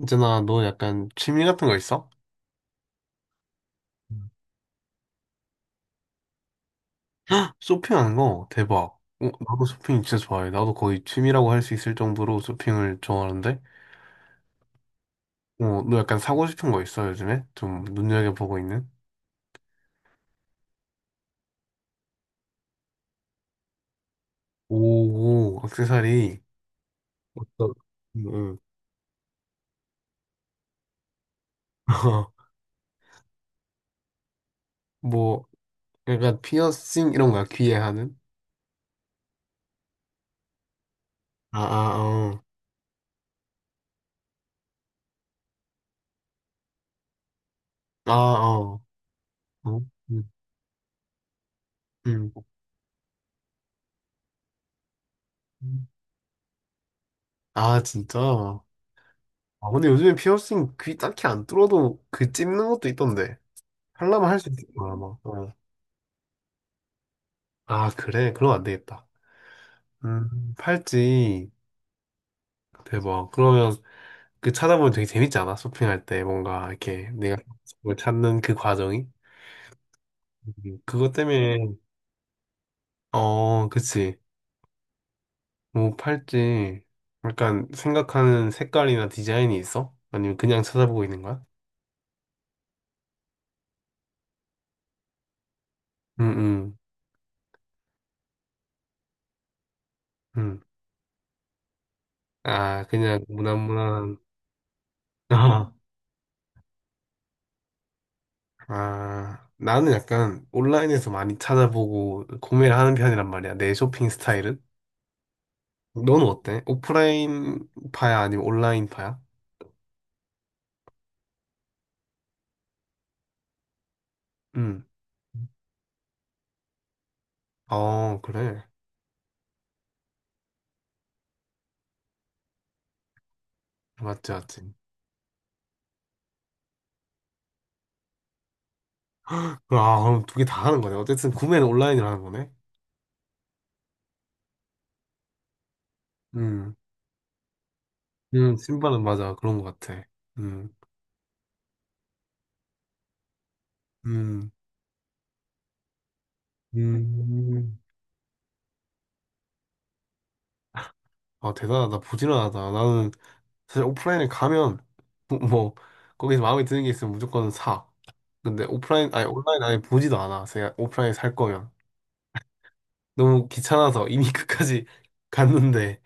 있잖아, 너 약간 취미 같은 거 있어? 음. 쇼핑하는 거 대박. 어, 나도 쇼핑 진짜 좋아해. 나도 거의 취미라고 할 수 있을 정도로 쇼핑을 좋아하는데. 어, 너 약간 사고 싶은 거 있어, 요즘에? 좀 눈여겨보고 있는? 오, 오, 액세서리. 어떤? 응, 응. 뭐, 약간 피어싱 이런 거야, 귀에 하는? 아, 아, 어. 아, 어. 어? 응, 응. 아, 진짜? 아, 근데 요즘에 피어싱 귀 딱히 안 뚫어도 그 찝는 것도 있던데. 하려면 할 수 있을 거야, 아마. 어. 아, 그래? 그럼 안 되겠다. 팔찌. 대박. 그러면 그 찾아보면 되게 재밌지 않아? 쇼핑할 때 뭔가 이렇게 내가 뭘 찾는 그 과정이? 음, 그것 때문에, 어, 그치. 뭐, 팔찌. 약간 생각하는 색깔이나 디자인이 있어? 아니면 그냥 찾아보고 있는 거야? 응, 응, 응. 아, 그냥 무난무난. 아, 나는 약간 온라인에서 많이 찾아보고 구매를 하는 편이란 말이야. 내 쇼핑 스타일은. 너는 어때? 오프라인 파야 아니면 온라인 파야? 응. 어, 그래. 맞지, 맞지. 아, 그럼 두 개 다 하는 거네. 어쨌든 구매는 온라인으로 하는 거네. 음. 신발은 맞아. 그런 것 같아. 음. 음. 음. 아, 대단하다. 부지런하다. 나는 사실 오프라인에 가면 뭐 거기서 마음에 드는 게 있으면 무조건 사. 근데 오프라인 아니 온라인 아예 보지도 않아. 제가 오프라인에 살 거면 너무 귀찮아서 이미 끝까지 갔는데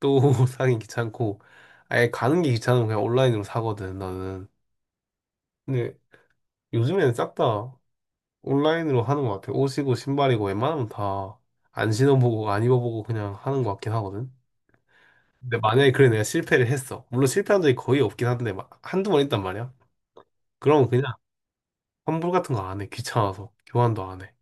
또 사긴 귀찮고 아예 가는 게 귀찮으면 그냥 온라인으로 사거든 나는. 근데 요즘에는 싹 다 온라인으로 하는 것 같아. 옷이고 신발이고 웬만하면 다 안 신어보고 안 입어보고 그냥 하는 것 같긴 하거든. 근데 만약에 그래 내가 실패를 했어. 물론 실패한 적이 거의 없긴 한데 막 한두 번 있단 말이야. 그럼 그냥 환불 같은 거 안 해. 귀찮아서. 교환도 안 해.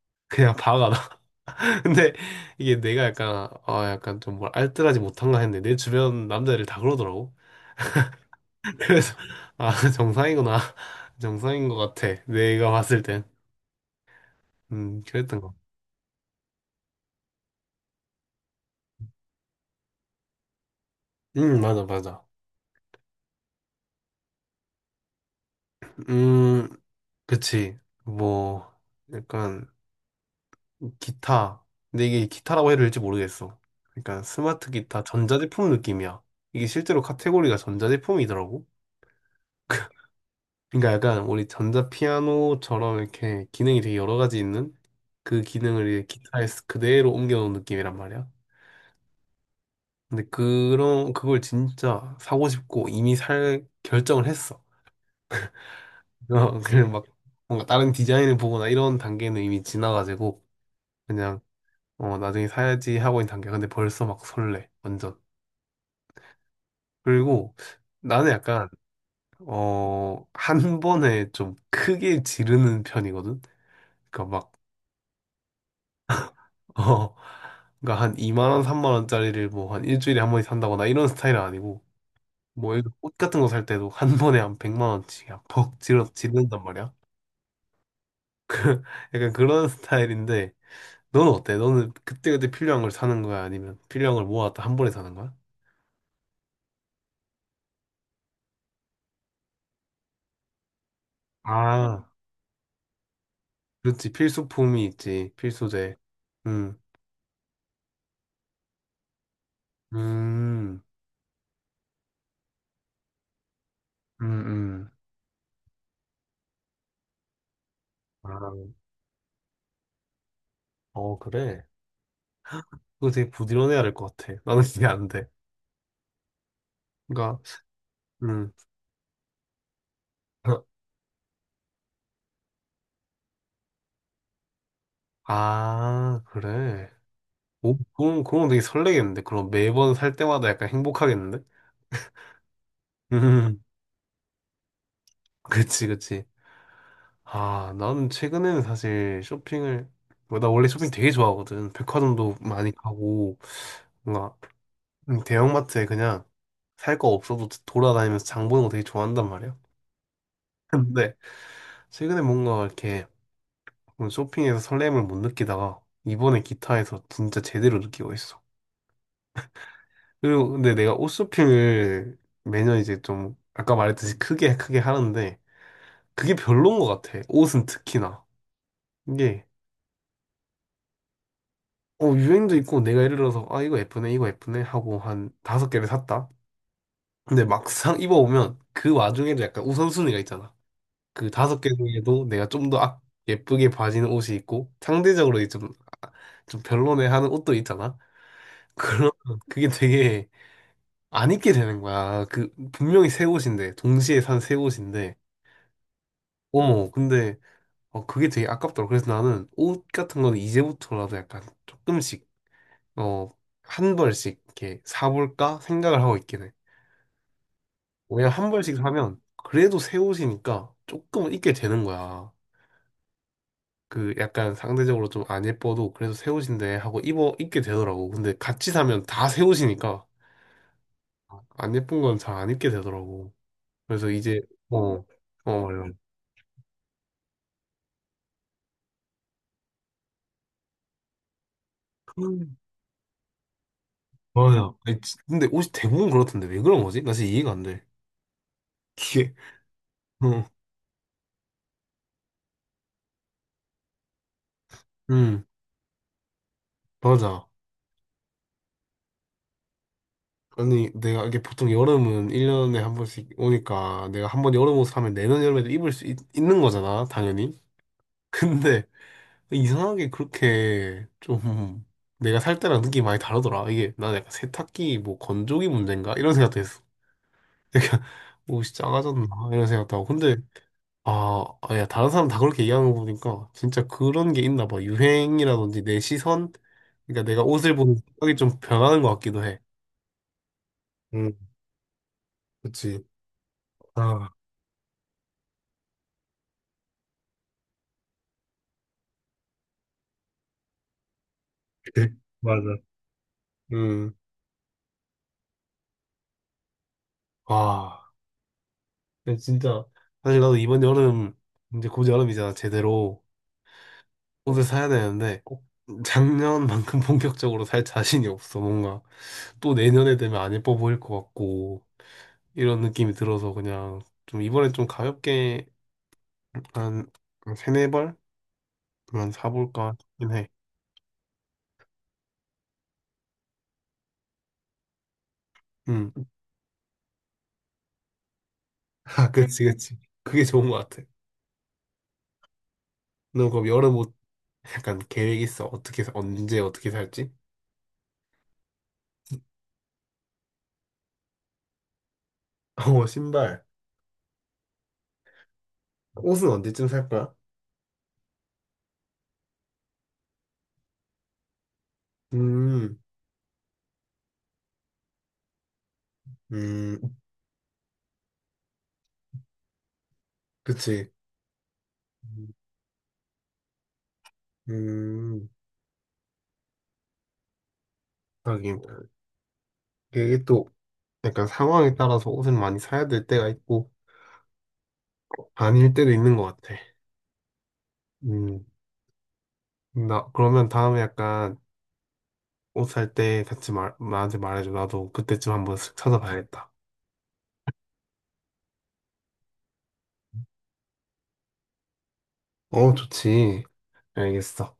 그냥 박아 놔. 근데 이게 내가 약간 좀 뭘 알뜰하지 못한가 했는데 내 주변 남자들 다 그러더라고. 그래서 아 정상이구나. 정상인 것 같아. 내가 봤을 땐. 그랬던 거. 맞아 맞아. 음 그치. 뭐 약간 기타. 근데 이게 기타라고 해야 될지 모르겠어. 그러니까 스마트 기타, 전자제품 느낌이야. 이게 실제로 카테고리가 전자제품이더라고. 그러니까 약간 우리 전자피아노처럼 이렇게 기능이 되게 여러 가지 있는 그 기능을 이제 기타에 그대로 옮겨놓은 느낌이란 말이야. 근데 그걸 진짜 사고 싶고 이미 살 결정을 했어. 어, 그냥 막 뭔가 다른 디자인을 보거나 이런 단계는 이미 지나가지고 그냥 나중에 사야지 하고 있는 단계야. 근데 벌써 막 설레. 완전. 그리고 나는 약간 한 번에 좀 크게 지르는 편이거든. 그러니까 막 어, 그러니까 한 2만 원, 3만 원짜리를 뭐 한 일주일에 한 번씩 산다거나 이런 스타일은 아니고 뭐 예를 들어 옷 같은 거 살 때도 한 번에 한 100만 원씩 그냥 퍽 지르 지른단 말이야. 약간 그런 스타일인데 너는 어때? 너는 그때그때 필요한 걸 사는 거야? 아니면 필요한 걸 모았다 한 번에 사는 거야? 아, 그렇지. 필수품이 있지. 필수재. 음. 음. 음. 음. 아. 어, 그래. 그거 되게 부지런해야 될 것 같아. 나는 그게 안 돼. 그러니까, 음. 아, 그래. 오, 그럼 되게 설레겠는데? 그럼 매번 살 때마다 약간 행복하겠는데? 음, 그치, 그치. 아, 나는 최근에는 사실 쇼핑을, 뭐, 나 원래 쇼핑 되게 좋아하거든. 백화점도 많이 가고, 뭔가, 대형마트에 그냥 살 거 없어도 돌아다니면서 장 보는 거 되게 좋아한단 말이야. 근데, 최근에 뭔가 이렇게, 오늘 쇼핑에서 설렘을 못 느끼다가 이번에 기타에서 진짜 제대로 느끼고 있어. 그리고 근데 내가 옷 쇼핑을 매년 이제 좀 아까 말했듯이 크게 크게 하는데 그게 별론 것 같아. 옷은 특히나. 이게 유행도 있고 내가 예를 들어서 아 이거 예쁘네 이거 예쁘네 하고 한 다섯 개를 샀다. 근데 막상 입어보면 그 와중에도 약간 우선순위가 있잖아. 그 다섯 개 중에도 내가 좀 더 아, 예쁘게 봐지는 옷이 있고 상대적으로 좀, 아, 좀 별로네 하는 옷도 있잖아. 그런 그게 되게 안 입게 되는 거야. 그 분명히 새 옷인데 동시에 산 새 옷인데 어머 근데 그게 되게 아깝더라고. 그래서 나는 옷 같은 거는 이제부터라도 약간 조금씩 어 한 벌씩 이렇게 사볼까 생각을 하고 있긴 해. 왜냐 한 벌씩 사면 그래도 새 옷이니까 조금은 입게 되는 거야. 그 약간 상대적으로 좀 안 예뻐도 그래도 새 옷인데 하고 입어 입게 되더라고. 근데 같이 사면 다 새 옷이니까 안 예쁜 건 잘 안 입게 되더라고. 그래서 이제 어 어 맞아. 맞아. 아니, 근데 옷이 대부분 그렇던데 왜 그런 거지? 나 진짜 이해가 안 돼. 이게, 응, 응, 맞아. 아니, 내가 이게 보통 여름은 1년에 한 번씩 오니까 내가 한 번 여름 옷을 하면 내년 여름에도 입을 수 있, 는 거잖아, 당연히. 근데 이상하게 그렇게 좀 내가 살 때랑 느낌이 많이 다르더라. 이게 난 약간 세탁기 뭐 건조기 문제인가? 이런 생각도 했어. 약간 옷이 작아졌나? 이런 생각도 하고. 근데 아, 아, 야, 다른 사람 다 그렇게 얘기하는 거 보니까 진짜 그런 게 있나 봐. 유행이라든지 내 시선? 그러니까 내가 옷을 보는 생각이 좀 변하는 것 같기도 해. 음, 그치. 아, 그래. 맞아. 음, 와. 근데 진짜, 사실 나도 이번 여름, 이제 곧 여름이잖아, 제대로. 옷을 사야 되는데, 꼭 작년만큼 본격적으로 살 자신이 없어, 뭔가. 또 내년에 되면 안 예뻐 보일 것 같고, 이런 느낌이 들어서 그냥, 좀 이번에 좀 가볍게, 한, 세네 벌? 그만 사볼까 싶긴 해. 음. 아, 그치, 그치. 그게 좋은 것 같아. 너 그럼 여름 옷 약간 계획 있어? 어떻게, 언제 어떻게 살지? 어, 신발. 옷은 언제쯤 살 거야? 음, 음, 그치. 음, 하긴. 이게 또 약간 상황에 따라서 옷을 많이 사야 될 때가 있고, 아닐 때도 있는 것 같아. 음, 나, 그러면 다음에 약간 옷 살 때 같이 나한테 말해줘. 나도 그때쯤 한번 쓱 찾아봐야겠다. 어, 좋지. 알겠어.